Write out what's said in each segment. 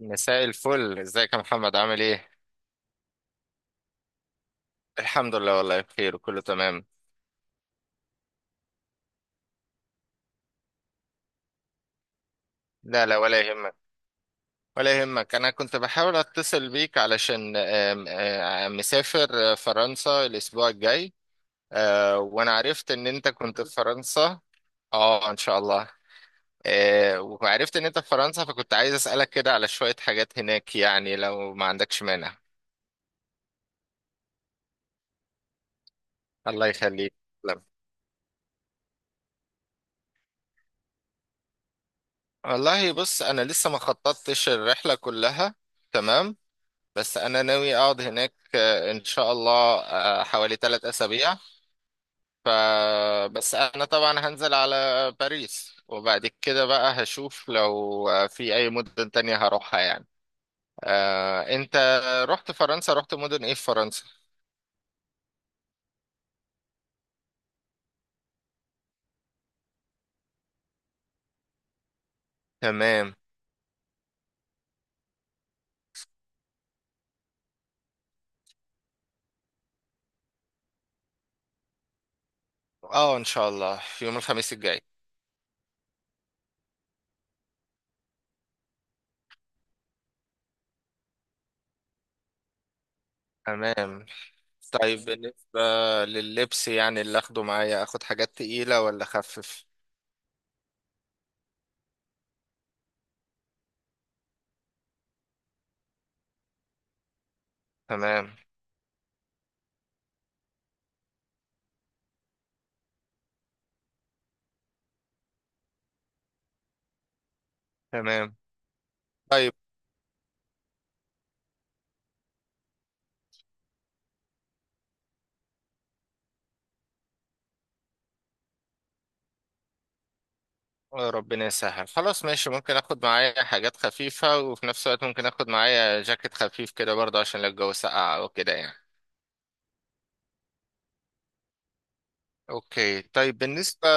مساء الفل، ازيك يا محمد؟ عامل ايه؟ الحمد لله، والله بخير وكله تمام. لا لا ولا يهمك. ولا يهمك، انا كنت بحاول اتصل بيك علشان آم، آم، مسافر فرنسا الاسبوع الجاي. وانا عرفت ان انت كنت في فرنسا. اه ان شاء الله. وعرفت ان انت في فرنسا، فكنت عايز اسالك كده على شوية حاجات هناك يعني لو ما عندكش مانع. الله يخليك. والله بص، انا لسه ما خططتش الرحلة كلها. تمام. بس انا ناوي اقعد هناك ان شاء الله حوالي 3 اسابيع. ف بس انا طبعا هنزل على باريس، وبعد كده بقى هشوف لو في اي مدن تانية هروحها يعني. انت رحت فرنسا، رحت مدن ايه في فرنسا؟ تمام. اه ان شاء الله يوم الخميس الجاي. تمام. طيب بالنسبة لللبس، يعني اللي اخده معايا، اخد حاجات تقيلة ولا اخفف؟ تمام. تمام. طيب ربنا يسهل. خلاص ماشي، ممكن اخد معايا حاجات خفيفة وفي نفس الوقت ممكن اخد معايا جاكيت خفيف كده برضه عشان لو الجو سقع او كده يعني. اوكي. طيب بالنسبة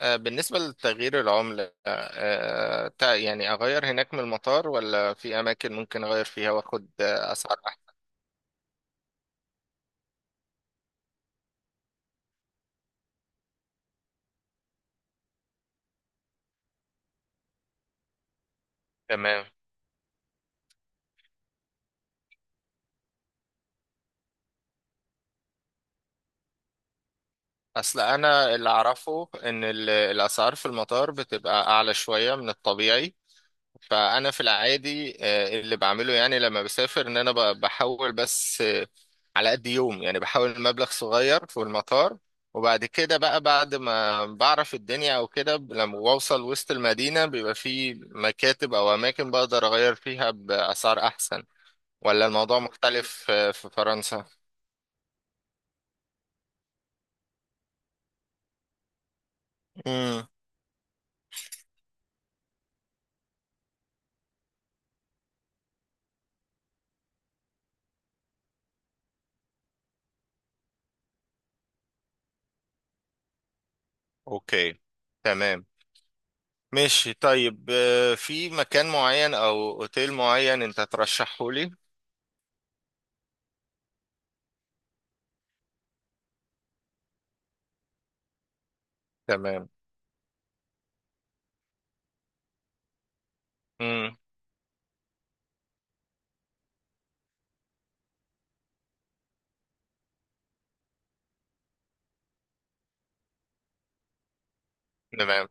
آه، بالنسبة لتغيير العملة، يعني اغير هناك من المطار، ولا في اماكن ممكن اغير فيها واخد اسعار احسن؟ تمام. اصل انا اللي اعرفه ان الاسعار في المطار بتبقى اعلى شوية من الطبيعي. فانا في العادي اللي بعمله يعني لما بسافر ان انا بحول بس على قد يوم، يعني بحول مبلغ صغير في المطار، وبعد كده بقى بعد ما بعرف الدنيا او كده لما بوصل وسط المدينة بيبقى في مكاتب او اماكن بقدر اغير فيها باسعار احسن. ولا الموضوع مختلف في فرنسا؟ امم. اوكي. تمام. ماشي. طيب في مكان معين او اوتيل معين انت ترشحه لي؟ تمام. امم. تمام.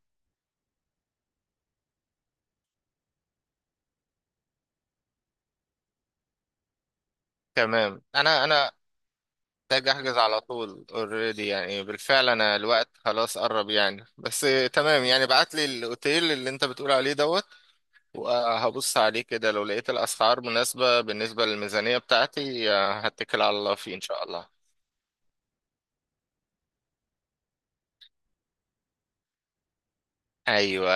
تمام. انا محتاج احجز على طول اوريدي، يعني بالفعل انا الوقت خلاص قرب يعني، بس تمام يعني بعت لي الاوتيل اللي انت بتقول عليه دوت، وهبص عليه كده. لو لقيت الاسعار مناسبة بالنسبة للميزانية بتاعتي هتكل على الله فيه ان شاء الله. ايوه.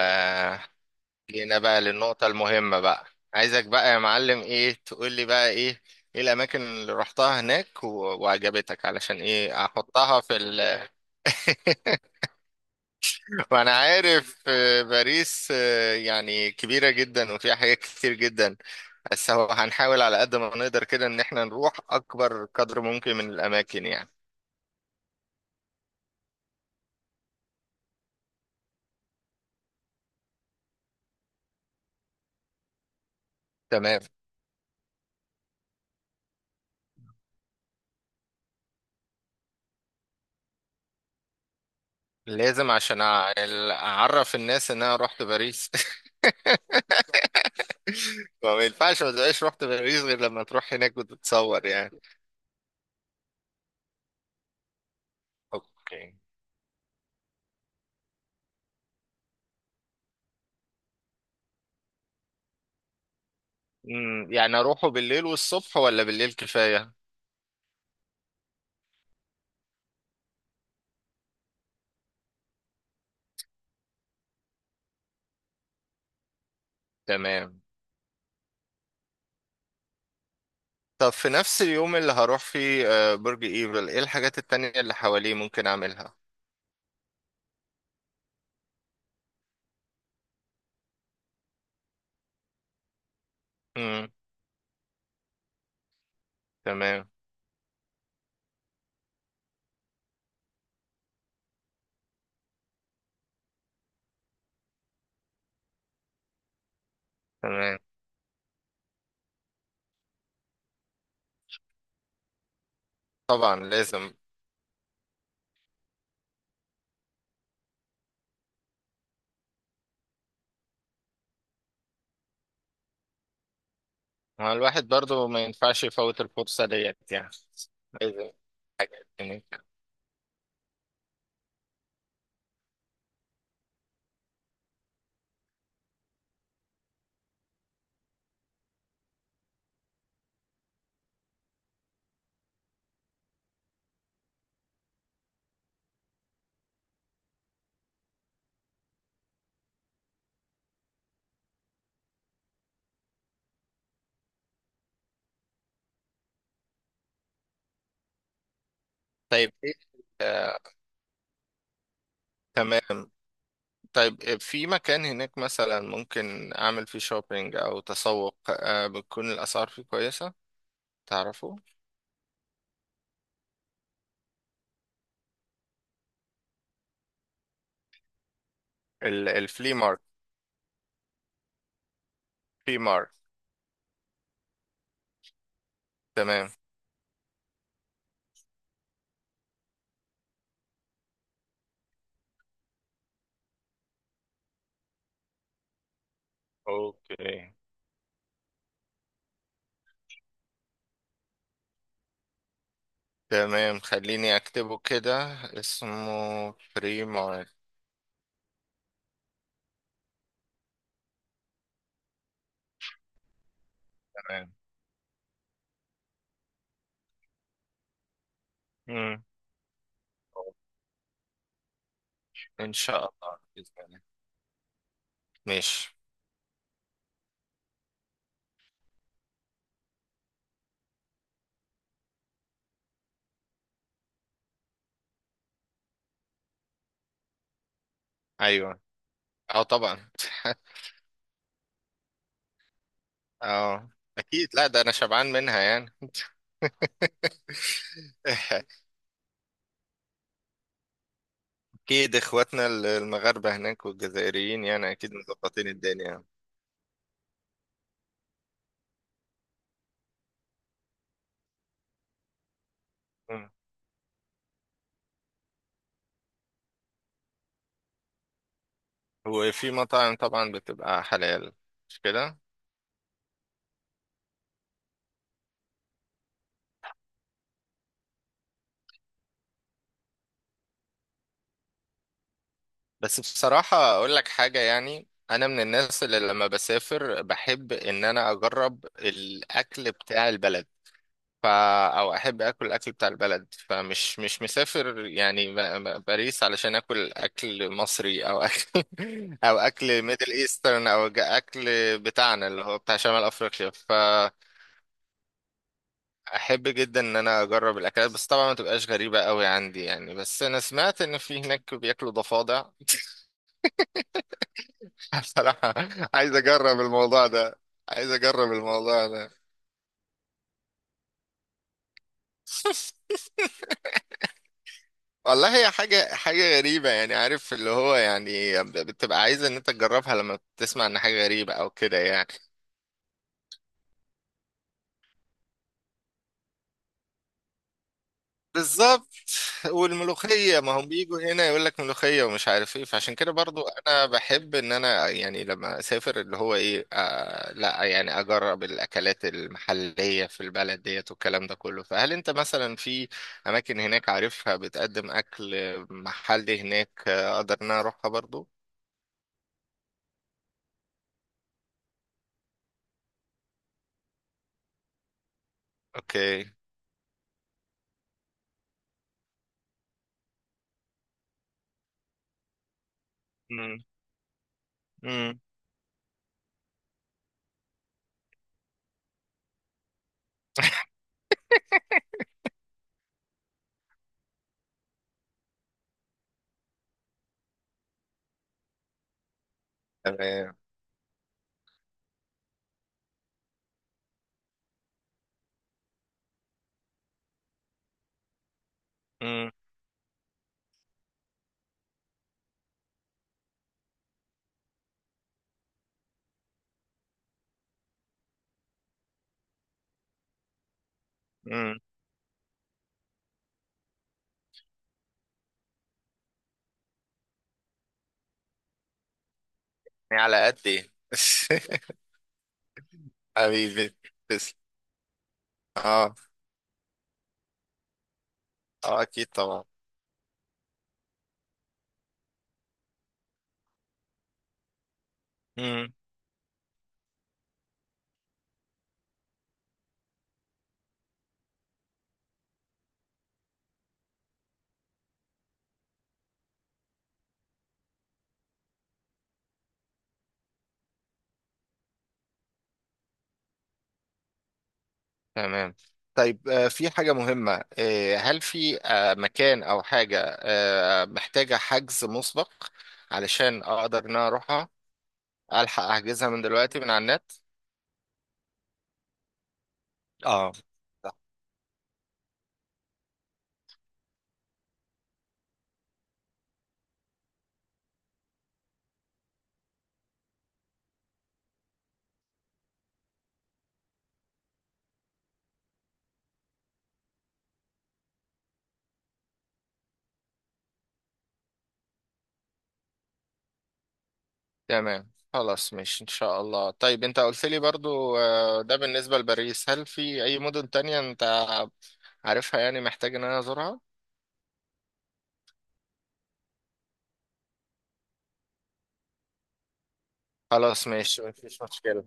جينا بقى للنقطة المهمة بقى. عايزك بقى يا معلم، ايه تقول لي بقى؟ ايه ايه الاماكن اللي رحتها هناك وعجبتك علشان ايه احطها في ال فأنا عارف باريس يعني كبيرة جدا وفيها حاجات كتير جدا، بس هو هنحاول على قد ما نقدر كده إن احنا نروح أكبر قدر ممكن من الأماكن يعني. تمام. لازم عشان أعرف الناس إن أنا رحت باريس. فما ينفعش ما تبقاش رحت باريس غير لما تروح هناك وتتصور يعني. أوكي. أمم، يعني أروحه بالليل والصبح ولا بالليل كفاية؟ تمام. طب في نفس اليوم اللي هروح فيه برج ايفل، ايه الحاجات التانية اللي حواليه ممكن اعملها؟ امم. تمام. تمام. طبعا لازم. ما الواحد برضو ما ينفعش يفوت الفرصة ديت يعني. لازم. هناك. طيب ايه آه، تمام. طيب في مكان هناك مثلا ممكن اعمل فيه شوبينج او تسوق بتكون الاسعار فيه كويسة؟ تعرفوا الفلي مارك؟ في مارك. تمام. اوكي. تمام. خليني اكتبه كده، اسمه بريمو. تمام. مم. ان شاء الله بإذن الله. ماشي. ايوه. اه طبعا. اه اكيد، لا ده انا شبعان منها يعني. اكيد اخواتنا المغاربه هناك والجزائريين يعني اكيد مظبطين الدنيا. مم. وفي مطاعم طبعا بتبقى حلال، مش كده؟ بس بصراحة أقول لك حاجة، يعني أنا من الناس اللي لما بسافر بحب إن أنا أجرب الأكل بتاع البلد. فا أو أحب أكل الأكل بتاع البلد، فمش مش مسافر يعني باريس علشان أكل أكل مصري أو أكل أو أكل ميدل إيسترن أو أكل بتاعنا اللي هو بتاع شمال أفريقيا. فأحب جدا إن أنا أجرب الأكلات، بس طبعا ما تبقاش غريبة أوي عندي يعني. بس أنا سمعت إن في هناك بياكلوا ضفادع. بصراحة عايز أجرب الموضوع ده. عايز أجرب الموضوع ده. والله هي حاجة حاجة غريبة يعني، عارف اللي هو يعني بتبقى عايز إن أنت تجربها لما تسمع إن حاجة غريبة أو كده يعني. بالظبط. والملوخية، ما هم بيجوا هنا يقول لك ملوخية ومش عارف ايه، فعشان كده برضو انا بحب ان انا يعني لما اسافر اللي هو ايه آه لا يعني اجرب الاكلات المحلية في البلد ديت والكلام ده كله. فهل انت مثلا في اماكن هناك عارفها بتقدم اكل محلي هناك اقدر ان انا اروحها برضو؟ اوكي. امم. امم. تمام. امم. امم. على قد ايه حبيبي، تسلم. اه. اه اكيد طبعا. مم. تمام. طيب في حاجة مهمة، هل في مكان أو حاجة محتاجة حجز مسبق علشان أقدر إن أنا أروحها؟ ألحق أحجزها من دلوقتي من على النت؟ اه. تمام خلاص ماشي إن شاء الله. طيب أنت قلت لي برضو ده بالنسبة لباريس، هل في أي مدن تانية أنت عارفها يعني محتاج إن أنا أزورها؟ خلاص ماشي مفيش مشكلة.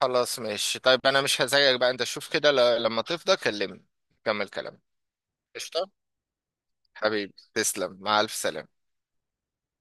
خلاص ماشي، طيب أنا مش هزعجك بقى، أنت شوف كده، لما تفضى كلمني. كمل كلام. قشطة. حبيبي تسلم، مع ألف سلامة.